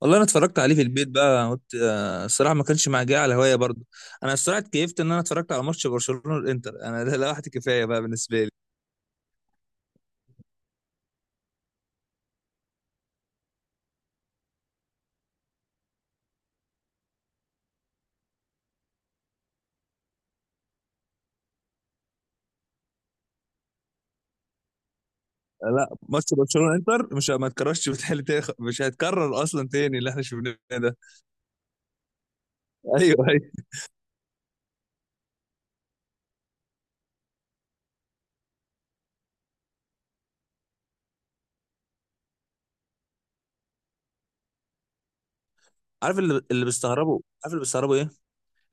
والله انا اتفرجت عليه في البيت بقى قلت الصراحه ما كانش معايا على هوايه برضه. انا الصراحه اتكيفت ان انا اتفرجت على ماتش برشلونه الانتر، انا ده لوحدي كفايه بقى بالنسبه لي. لا، ماتش برشلونه الانتر مش ما اتكررش، بتهيألي مش هيتكرر اصلا تاني اللي احنا شفناه ده. ايوه ايوه. عارف اللي بيستغربوا، عارف اللي بيستغربوا ايه؟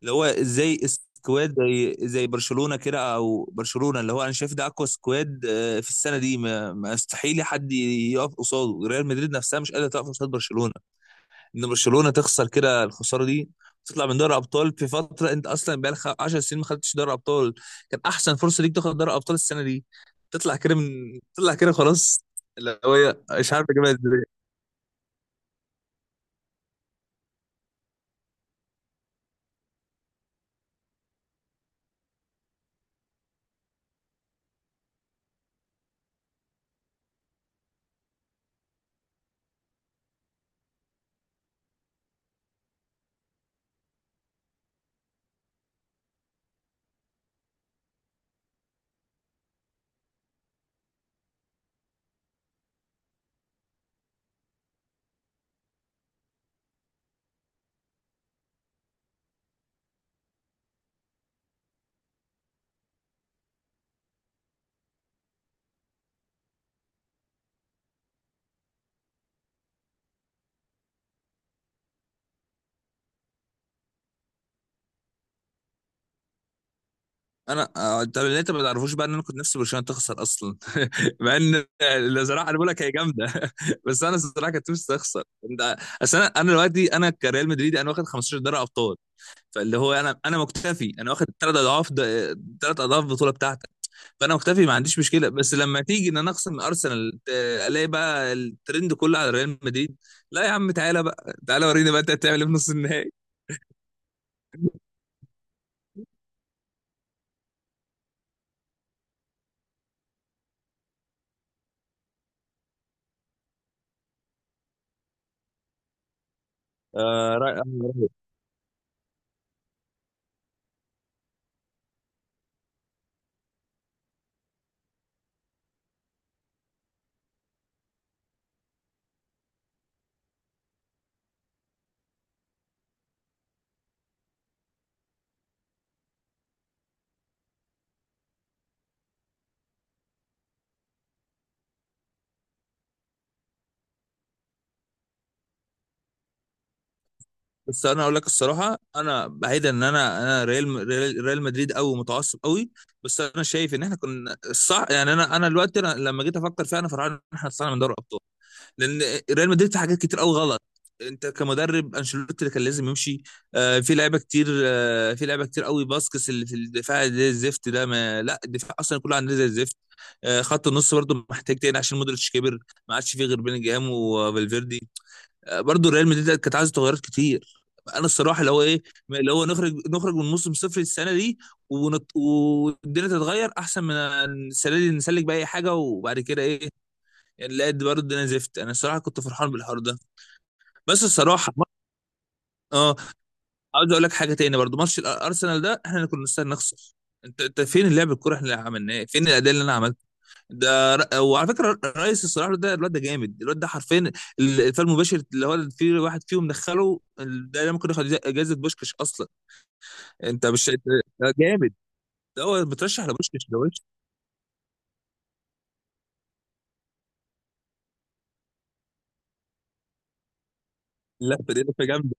اللي هو ازاي سكواد زي برشلونه كده، او برشلونه اللي هو انا شايف ده اقوى سكواد في السنه دي. ما يستحيل حد يقف قصاده، ريال مدريد نفسها مش قادره تقف قصاد برشلونه. ان برشلونه تخسر كده الخساره دي، تطلع من دوري ابطال في فتره انت اصلا بقالك 10 سنين ما خدتش دوري ابطال. كان احسن فرصه ليك تاخد دوري ابطال السنه دي، تطلع كده خلاص. اللي هو إيه، مش عارف اجيبها ازاي. انا طب اللي انت ما تعرفوش بقى ان انا كنت نفسي برشلونه تخسر اصلا، مع ان اللي زراعه انا بقول لك هي جامده. بس انا الصراحه كنت نفسي تخسر. انت اصل انا دلوقتي كريال مدريدي انا واخد 15 دوري ابطال. فاللي هو انا مكتفي، انا واخد ثلاث اضعاف، ثلاث اضعاف البطوله بتاعتك. فانا مكتفي ما عنديش مشكله، بس لما تيجي ان انا اخسر من ارسنال الاقي بقى الترند كله على ريال مدريد. لا يا عم، تعالى بقى، تعالى وريني بقى انت هتعمل ايه في نص النهائي. آه رأي، رأي. بس انا اقول لك الصراحه انا بعيدا ان انا انا ريال ريال مدريد قوي، متعصب قوي. بس انا شايف ان احنا كنا الصح، يعني انا دلوقتي أنا لما جيت افكر فيها انا فرحان ان احنا طلعنا من دوري الابطال. لان ريال مدريد في حاجات كتير قوي غلط. انت كمدرب، انشيلوتي اللي كان لازم يمشي. في لعيبه كتير، في لعيبه كتير قوي، باسكس اللي في الدفاع زي الزفت ده، ما لا الدفاع اصلا كله عندنا زي الزفت. خط النص برضه محتاج تاني عشان مودريتش كبر، ما عادش فيه غير بيلينجهام وفالفيردي. برضه ريال مدريد كانت عايزه تغيرات كتير. انا الصراحه اللي هو ايه، اللي هو نخرج من موسم صفر السنه دي، ونط... والدنيا تتغير احسن من السنه دي، نسلك باي حاجه وبعد كده ايه. يعني لا، دي برضه انا زفت، انا الصراحه كنت فرحان بالحوار ده. بس الصراحه اه، عاوز اقول لك حاجه تاني برضه. ماتش الارسنال ده احنا اللي كنا نستاهل نخسر. انت فين اللعب، الكوره احنا اللي عملناه فين، الاداء اللي انا عملته ده وعلى فكره رئيس الصراحه، ده الواد ده جامد، الواد ده حرفيا الفال المباشر اللي هو في واحد فيهم دخله ده ممكن ياخد جائزه بوشكش اصلا. انت مش انت- ده جامد، ده هو مترشح لبوشكش ده وش. لا ده لفه جامده.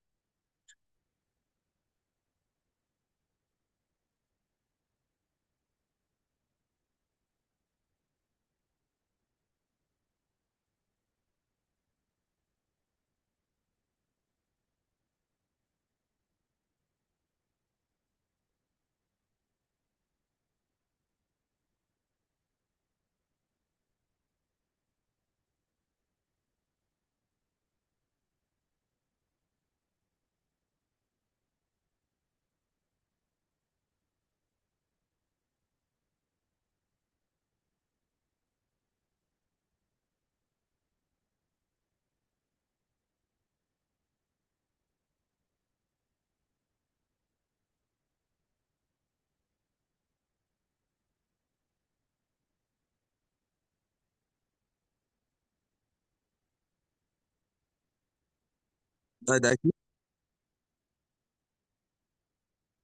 ده ده اكيد.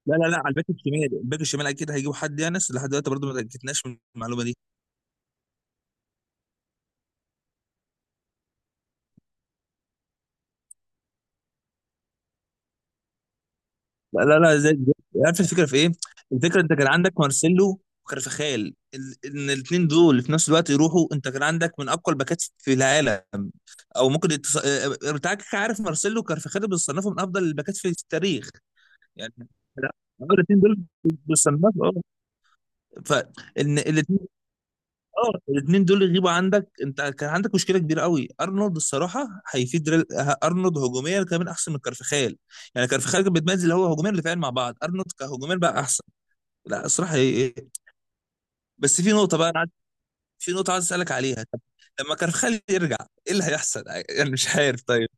لا، على الباك الشمال، الباك الشمال اكيد هيجيبوا حد، يعني لحد دلوقتي برضه ما اتاكدناش من المعلومه دي. لا، عارف الفكره في ايه؟ الفكره انت كان عندك مارسيلو وكارفخال ان الاثنين دول في نفس الوقت يروحوا، انت كان عندك من اقوى الباكات في العالم. او ممكن التص... بتاعك عارف، مارسيلو وكارفخال بيصنفوا من افضل الباكات في التاريخ. يعني لا، الاثنين دول بيصنفوا اه. فان الاثنين اه، الاثنين دول يغيبوا عندك، انت كان عندك مشكله كبيره قوي. ارنولد الصراحه هيفيد ريال... ارنولد هجوميا كمان احسن من كارفخال. يعني كارفخال كان بيتميز اللي هو هجوميا ودفاعيا مع بعض، ارنولد كهجوميا بقى احسن. لا الصراحه هي... بس في نقطه بقى في نقطه عايز اسالك عليها. طب لما كارفخال يرجع، ايه اللي هيحصل؟ يعني مش عارف طيب.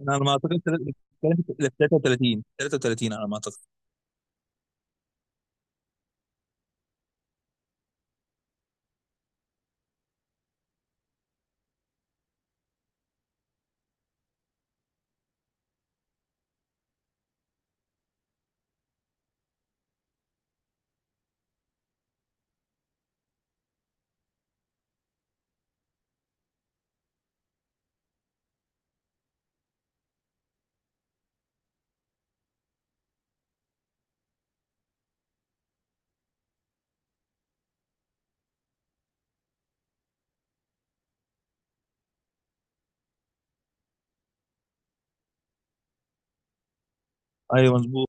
انا على ما اعتقد 33، 33 على ما اعتقد. ايوه مظبوط.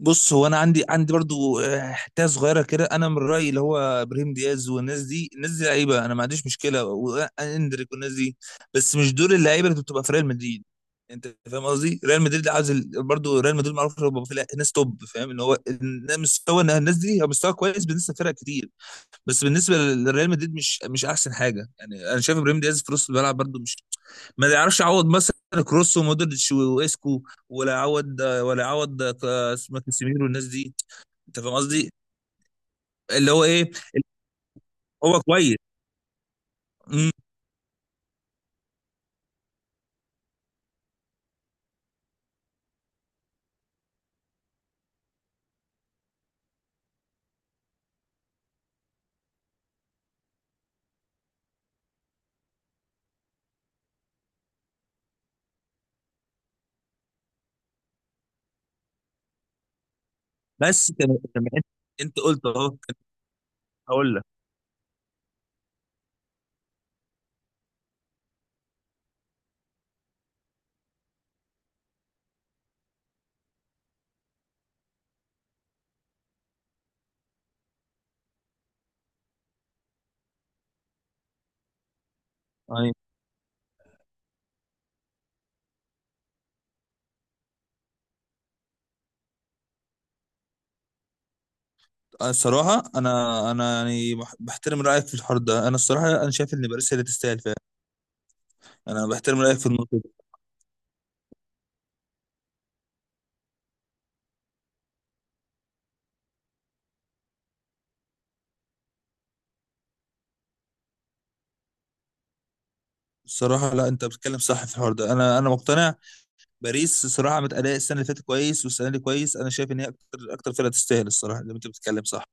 بص هو انا عندي برضو حته صغيره كده. انا من رايي اللي هو ابراهيم دياز والناس دي، الناس دي لعيبه انا ما عنديش مشكله، واندريك والناس دي. بس مش دول اللعيبه اللي بتبقى في ريال مدريد. انت فاهم قصدي؟ ريال مدريد عايز برضو ريال مدريد معروف إنه بيبقى فيه ناس توب. فاهم ان هو إن مستوى الناس دي هو مستوى كويس بالنسبه لفرق كتير، بس بالنسبه للريال مدريد مش احسن حاجه. يعني انا شايف ابراهيم دياز في نص الملعب برده مش، ما يعرفش يعوض مثلا كروس ومودريتش واسكو. ولا يعوض، ولا يعوض اسمه كاسيميرو والناس دي. انت فاهم قصدي. اللي هو ايه، هو كويس. مم. بس كان كان انت، انت قلت اهو كنت، هقول لك. يعني أنا الصراحه انا يعني بحترم رايك في الحوار ده. انا الصراحه انا شايف ان باريس هي اللي تستاهل فعلا. انا بحترم رايك في النقطه دي. الصراحه لا، انت بتتكلم صح في الحوار ده، انا انا مقتنع. باريس الصراحه متأداء السنه اللي فاتت كويس والسنه دي كويس، انا شايف ان هي اكتر، اكتر فرقه تستاهل الصراحه، زي ما انت بتتكلم صح.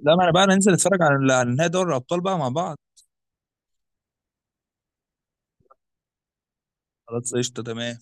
لا، ما انا بقى ننزل نتفرج على نهائي دوري الابطال بقى مع بعض. خلاص قشطه تمام.